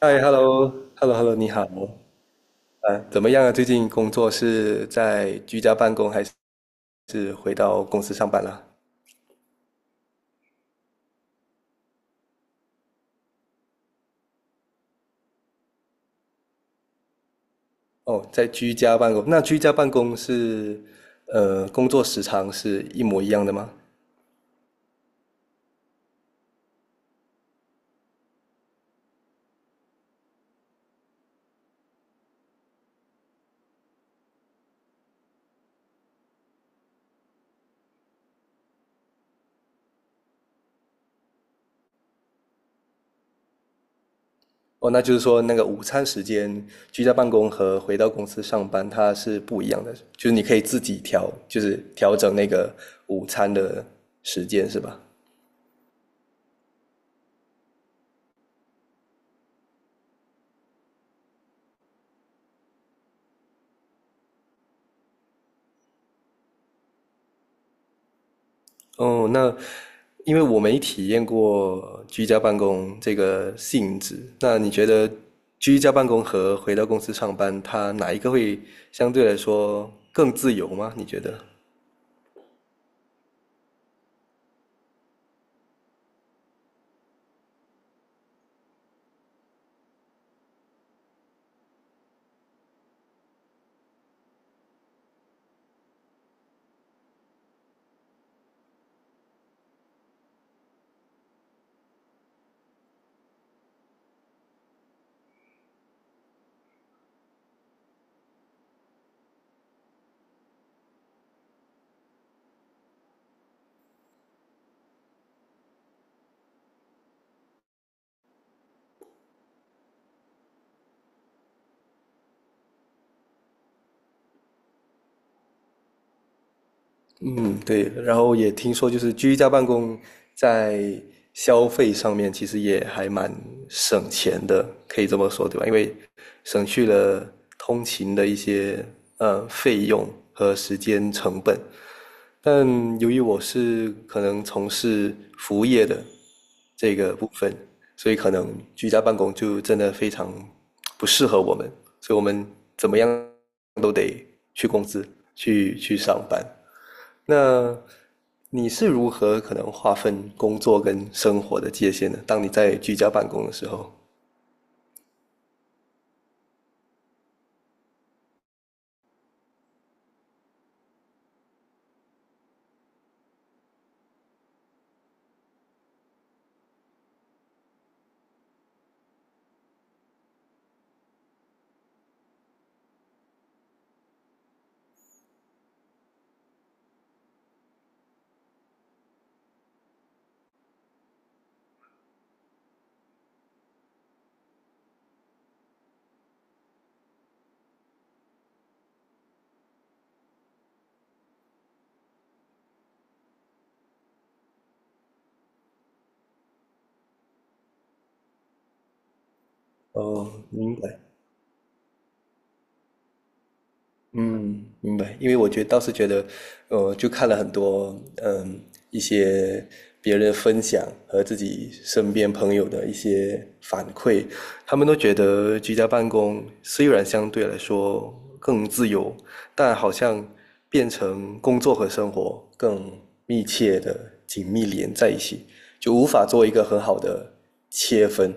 嗨，hello，hello，hello，你好。啊，怎么样啊？最近工作是在居家办公还是回到公司上班啦？哦，在居家办公。那居家办公是，工作时长是一模一样的吗？哦，那就是说那个午餐时间，居家办公和回到公司上班它是不一样的，就是你可以自己调，就是调整那个午餐的时间，是吧？哦，那因为我没体验过居家办公这个性质，那你觉得居家办公和回到公司上班，它哪一个会相对来说更自由吗？你觉得？嗯，对。然后也听说，就是居家办公在消费上面其实也还蛮省钱的，可以这么说，对吧？因为省去了通勤的一些费用和时间成本。但由于我是可能从事服务业的这个部分，所以可能居家办公就真的非常不适合我们，所以我们怎么样都得去公司去上班。那你是如何可能划分工作跟生活的界限呢？当你在居家办公的时候，哦，明白。嗯，明白。因为我觉得倒是觉得，就看了很多，嗯，一些别人的分享和自己身边朋友的一些反馈，他们都觉得居家办公虽然相对来说更自由，但好像变成工作和生活更密切的紧密连在一起，就无法做一个很好的切分。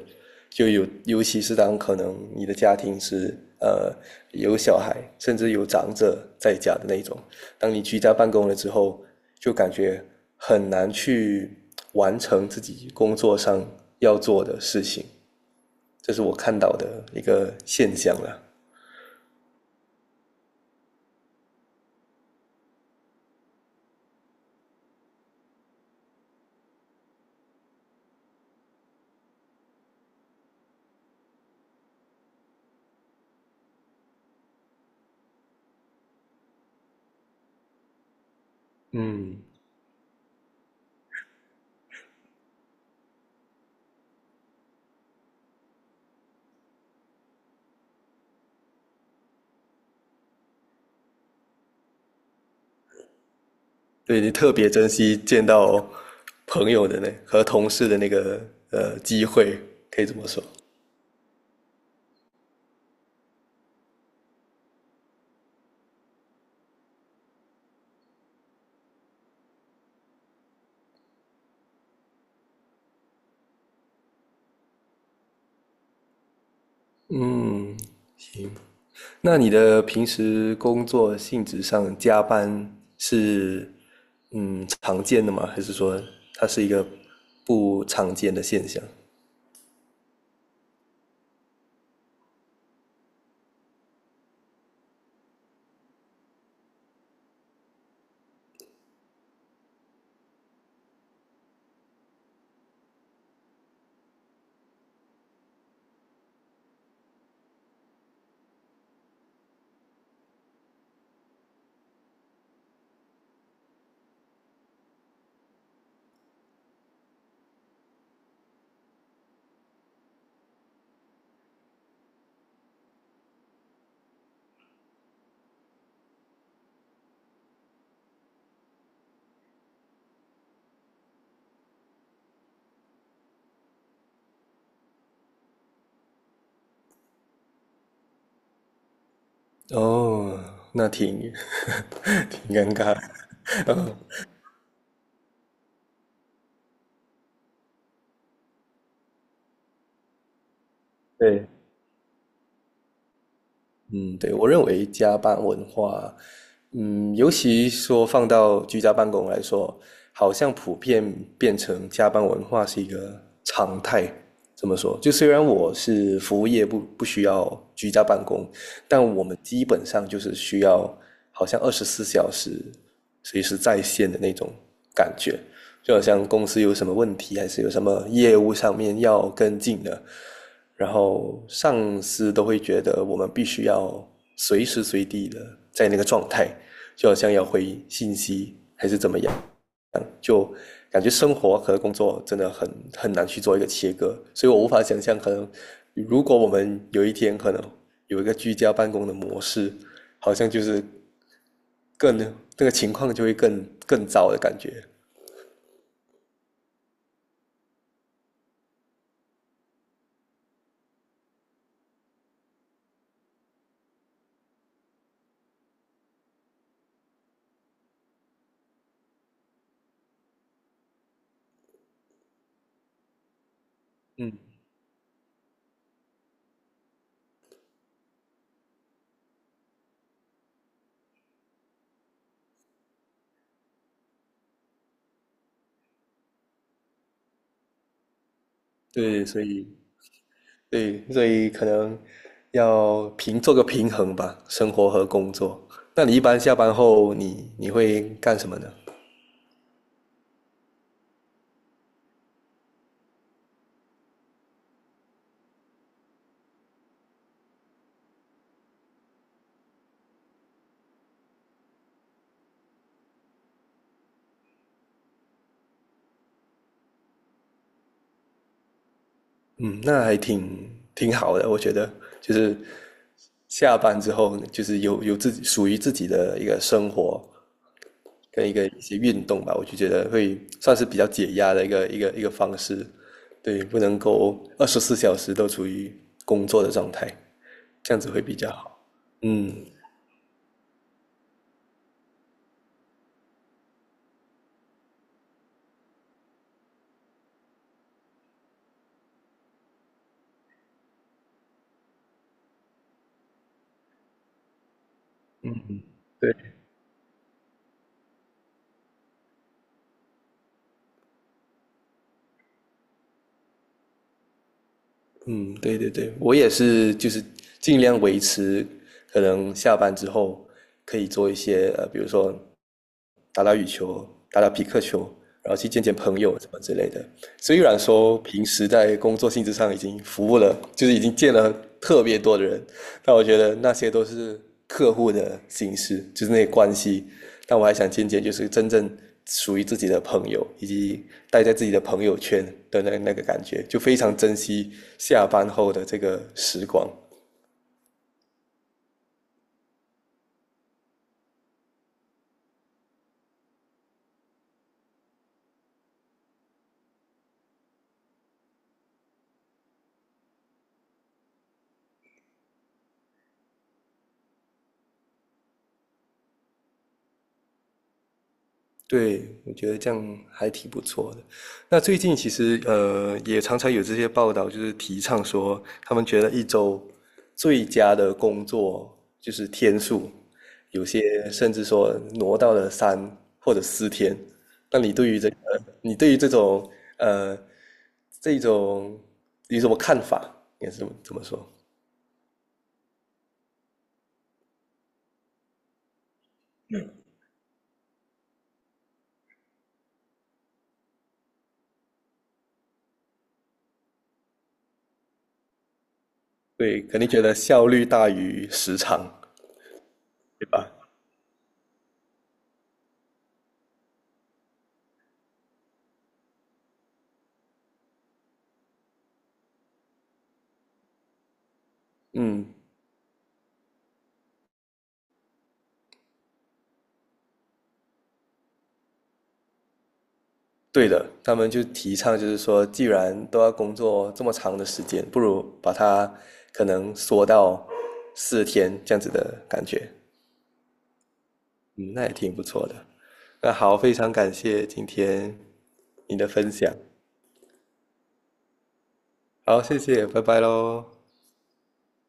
就有，尤其是当可能你的家庭是有小孩，甚至有长者在家的那种，当你居家办公了之后，就感觉很难去完成自己工作上要做的事情，这是我看到的一个现象了。嗯，对你特别珍惜见到朋友的那和同事的那个机会，可以这么说。嗯，那你的平时工作性质上加班是常见的吗？还是说它是一个不常见的现象？哦，那挺 挺尴尬。对，嗯，对，我认为加班文化，嗯，尤其说放到居家办公来说，好像普遍变成加班文化是一个常态。怎么说，就虽然我是服务业不需要居家办公，但我们基本上就是需要好像二十四小时随时在线的那种感觉。就好像公司有什么问题，还是有什么业务上面要跟进的，然后上司都会觉得我们必须要随时随地的在那个状态，就好像要回信息还是怎么样，感觉生活和工作真的很难去做一个切割，所以我无法想象，可能如果我们有一天可能有一个居家办公的模式，好像就是更那个情况就会更糟的感觉。嗯，对，所以可能要平做个平衡吧，生活和工作。那你一般下班后你会干什么呢？嗯，那还挺好的，我觉得就是下班之后就是有自己属于自己的一个生活跟一个一些运动吧，我就觉得会算是比较解压的一个方式。对，不能够二十四小时都处于工作的状态，这样子会比较好。嗯，对，嗯，对对对，我也是，就是尽量维持，可能下班之后可以做一些比如说打打羽球，打打匹克球，然后去见见朋友什么之类的。虽然说平时在工作性质上已经服务了，就是已经见了特别多的人，但我觉得那些都是客户的形式，就是那些关系。但我还想见见，就是真正属于自己的朋友，以及待在自己的朋友圈的那个感觉，就非常珍惜下班后的这个时光。对，我觉得这样还挺不错的。那最近其实也常常有这些报道，就是提倡说，他们觉得一周最佳的工作就是天数，有些甚至说挪到了3或者4天。那你对于这个，你对于这种呃，这种有什么看法？应该是怎么这么说？对，肯定觉得效率大于时长，对吧？嗯。对的，他们就提倡就是说，既然都要工作这么长的时间，不如把它可能缩到四天这样子的感觉。嗯，那也挺不错的。那好，非常感谢今天你的分享。好，谢谢，拜拜喽。